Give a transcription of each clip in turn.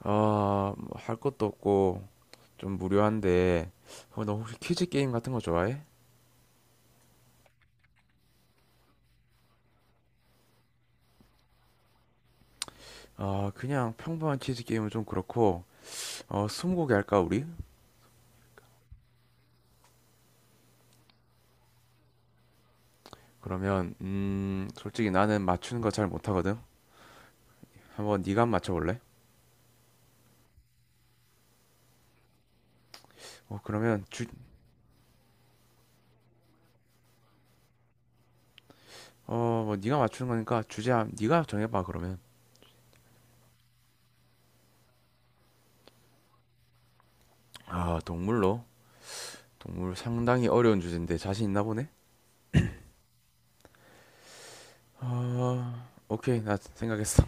아, 뭐할 것도 없고 좀 무료한데 너 혹시 퀴즈 게임 같은 거 좋아해? 아, 그냥 평범한 퀴즈 게임은 좀 그렇고 스무고개 할까 우리? 그러면 솔직히 나는 맞추는 거 잘 못하거든. 한번 네가 한번 맞춰볼래? 어, 그러면 주, 어, 뭐 네가 맞추는 거니까 네가 정해봐 그러면. 아, 동물로? 동물 상당히 어려운 주제인데 자신 있나 보네? 아, 오케이 나 생각했어.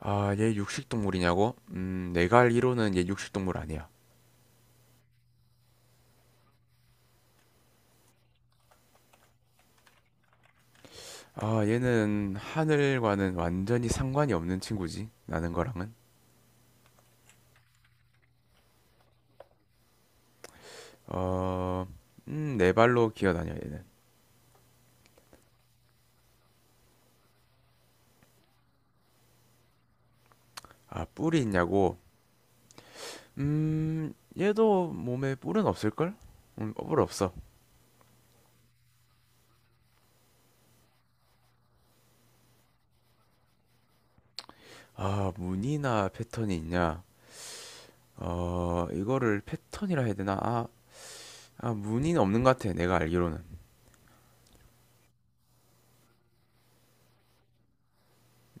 아, 얘 육식동물이냐고? 내가 알기로는 얘 육식동물 아니야. 아, 얘는 하늘과는 완전히 상관이 없는 친구지. 나는 거랑은. 어, 네 발로 기어다녀, 얘는. 아, 뿔이 있냐고? 음, 얘도 몸에 뿔은 없을걸? 뿔 없어. 아, 무늬나 패턴이 있냐? 어, 이거를 패턴이라 해야 되나? 아, 무늬는 없는 것 같아, 내가 알기로는.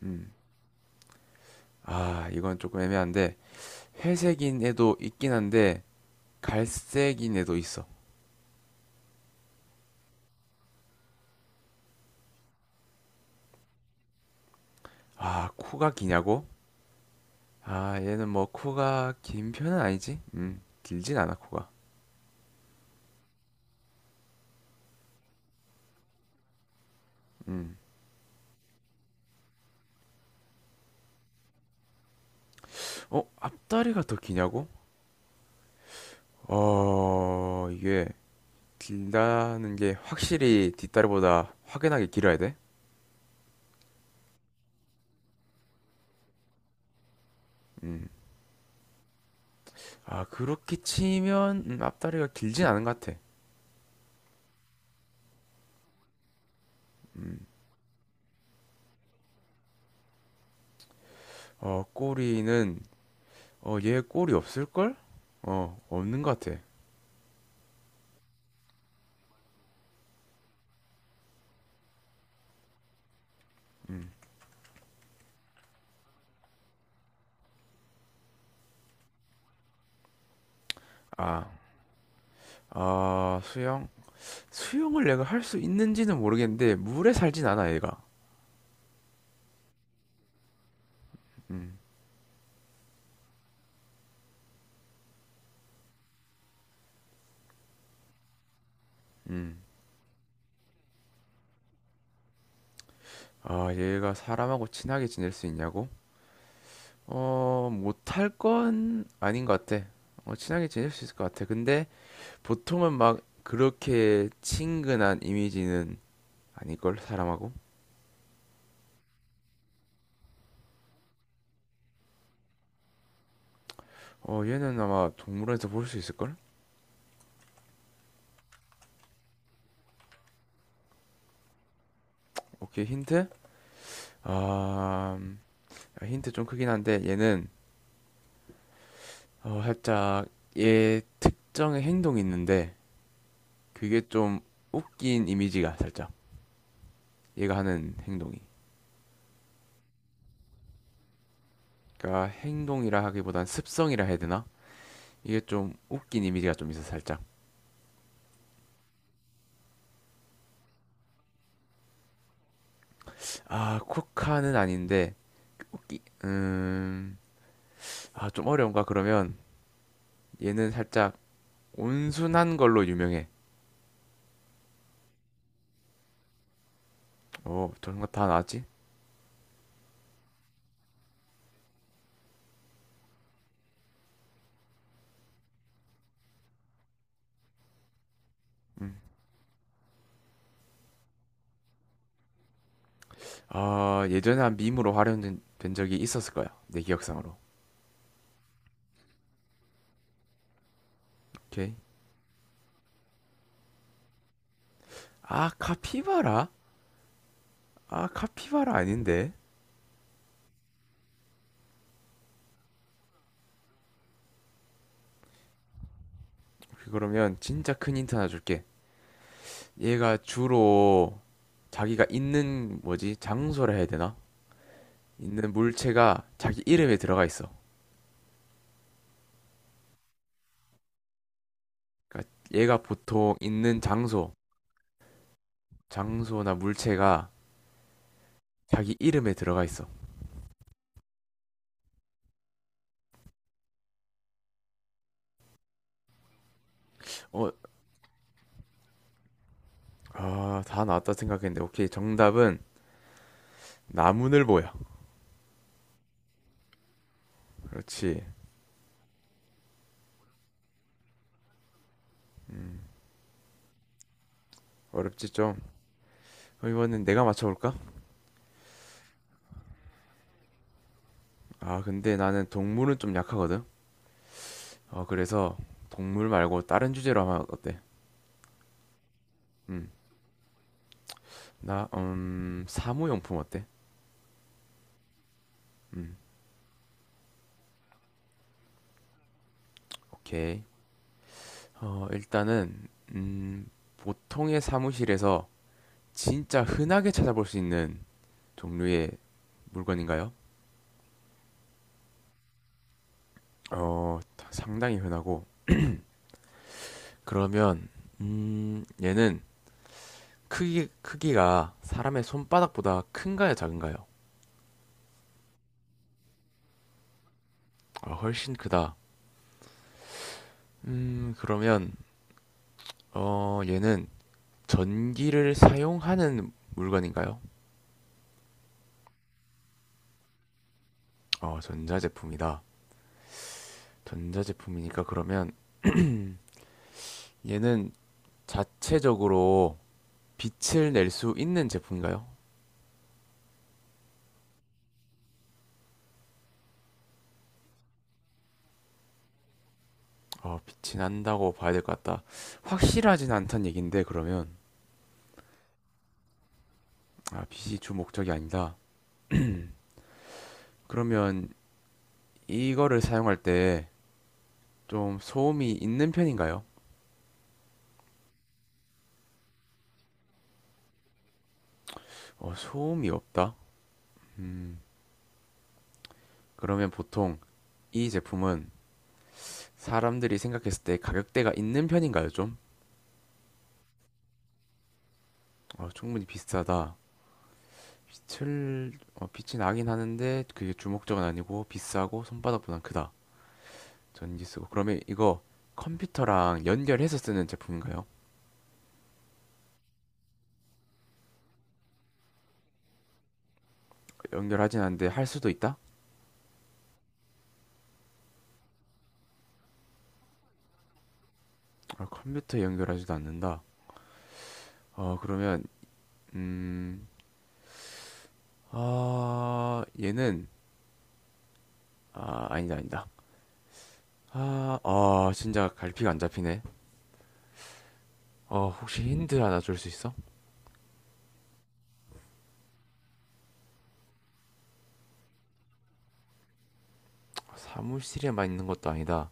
음, 아, 이건 조금 애매한데, 회색인 애도 있긴 한데, 갈색인 애도 있어. 아, 코가 기냐고? 아, 얘는 뭐 코가 긴 편은 아니지? 길진 않아, 코가. 음. 어, 앞다리가 더 기냐고? 어, 이게 길다는 게 확실히 뒷다리보다 확연하게 길어야 돼? 음. 아, 그렇게 치면 앞다리가 길진 않은 것 같아. 음. 꼬리는 얘 꼬리 없을걸? 어, 없는 것 같아. 아, 아, 수영? 수영을 내가 할 수 있는지는 모르겠는데 물에 살진 않아 얘가. 음, 음. 아 얘가 사람하고 친하게 지낼 수 있냐고? 어 못할 건 아닌 것 같아. 어, 친하게 지낼 수 있을 것 같아. 근데 보통은 막 그렇게 친근한 이미지는 아닐걸 사람하고. 어 얘는 아마 동물원에서 볼 수 있을걸? 오케이 힌트? 아 음, 힌트 좀 크긴 한데 얘는 어 살짝 얘 특정의 행동이 있는데 그게 좀 웃긴 이미지가 살짝 얘가 하는 행동이 그러니까 행동이라 하기보단 습성이라 해야 되나 이게 좀 웃긴 이미지가 좀 있어 살짝. 아 코카는 아닌데 웃기 음아 좀 어려운가 그러면. 얘는 살짝 온순한 걸로 유명해. 어 저런 거 다 나왔지. 음아 예전에 한 밈으로 활용된 된 적이 있었을 거야 내 기억상으로. 오케이. 아 카피바라. 아 카피바라 아닌데. 그러면 진짜 큰 힌트 하나 줄게. 얘가 주로 자기가 있는 뭐지? 장소라 해야 되나? 있는 물체가 자기 이름에 들어가 있어. 그러니까 얘가 보통 있는 장소, 장소나 물체가 자기 이름에 들어가 있어. 어, 아, 다 나왔다 생각했는데 오케이. 정답은 나무늘보야. 그렇지. 어렵지 좀. 그럼 이번엔 내가 맞춰볼까? 아, 근데 나는 동물은 좀 약하거든. 그래서 동물 말고 다른 주제로 하면 어때? 음, 나, 사무용품 어때? 음, 오케이. 일단은 음, 보통의 사무실에서 진짜 흔하게 찾아볼 수 있는 종류의 물건인가요? 어, 상당히 흔하고 그러면 얘는 크기가 사람의 손바닥보다 큰가요, 작은가요? 아, 훨씬 크다. 그러면 얘는 전기를 사용하는 물건인가요? 어, 전자제품이다. 전자제품이니까 그러면 얘는 자체적으로 빛을 낼 수 있는 제품인가요? 어, 빛이 난다고 봐야 될 것 같다. 확실하진 않단 얘긴데, 그러면. 아, 빛이 주 목적이 아니다. 그러면 이거를 사용할 때 좀 소음이 있는 편인가요? 어, 소음이 없다? 음, 그러면 보통 이 제품은 사람들이 생각했을 때 가격대가 있는 편인가요, 좀? 어, 충분히 비싸다. 빛이 나긴 하는데 그게 주 목적은 아니고 비싸고 손바닥보단 크다. 전기 쓰고 그러면 이거 컴퓨터랑 연결해서 쓰는 제품인가요? 연결하진 않는데 할 수도 있다? 아, 컴퓨터에 연결하지도 않는다. 어 그러면 음, 아 얘는 아니다. 아, 아 진짜 갈피가 안 잡히네. 어 혹시 힌트 하나 줄 수 있어? 사무실에만 있는 것도 아니다.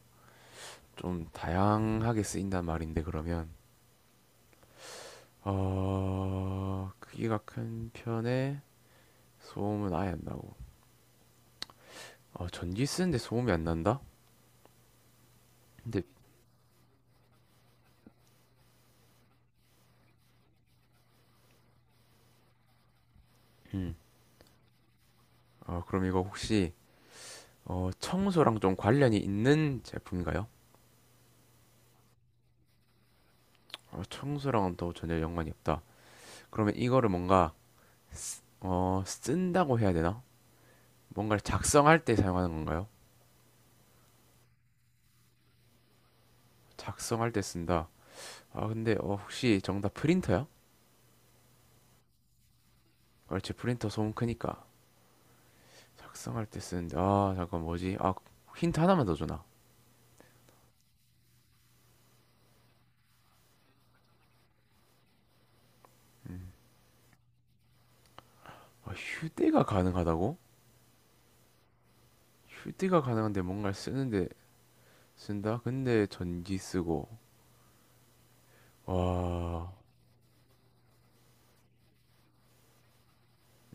좀 다양하게 쓰인단 말인데 그러면 어 크기가 큰 편에 소음은 아예 안 나고. 어 전기 쓰는데 소음이 안 난다? 근데 음. 어, 그럼 이거 혹시 청소랑 좀 관련이 있는 제품인가요? 어, 청소랑은 또 전혀 연관이 없다. 그러면 이거를 뭔가 쓴다고 해야 되나? 뭔가를 작성할 때 사용하는 건가요? 작성할 때 쓴다. 아, 근데 어, 혹시 정답 프린터야? 그렇지, 프린터 소음 크니까. 작성할 때 쓰는데, 아, 잠깐 뭐지? 아, 힌트 하나만 더 주나? 아, 휴대가 가능하다고? 휴대가 가능한데 뭔가를 쓰는데 쓴다? 근데 전기 쓰고. 와,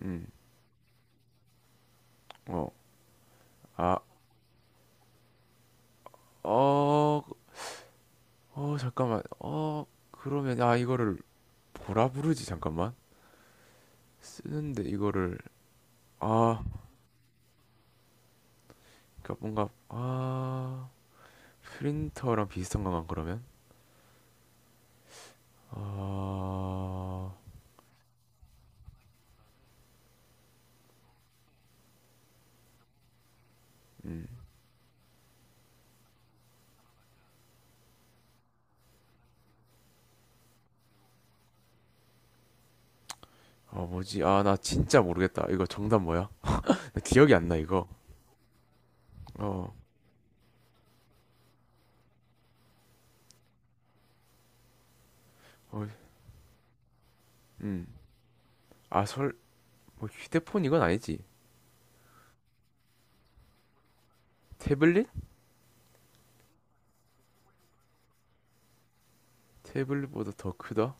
음, 어. 아, 어, 잠깐만. 그러면, 아, 이거를 뭐라 부르지? 잠깐만. 쓰는데 이거를, 아, 그러니까 뭔가, 아, 프린터랑 비슷한 건가, 그러면? 아, 음, 아, 뭐지? 아, 나 진짜 모르겠다. 이거 정답 뭐야? 나 기억이 안 나, 이거. 어, 어, 음. 아, 설, 뭐, 휴대폰 이건 아니지. 태블릿? 태블릿보다 더 크다?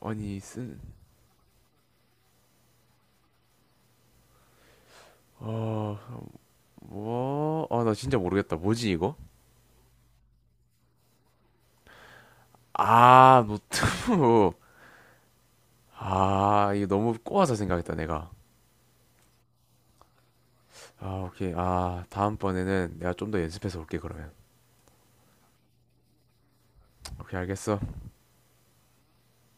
아니, 쓴, 어, 뭐, 아, 나 진짜 모르겠다. 뭐지, 이거? 아, 노트북. 아, 이거 너무 꼬아서 생각했다, 내가. 아, 오케이. 아, 다음번에는 내가 좀 더 연습해서 올게, 그러면. 오케이, 알겠어.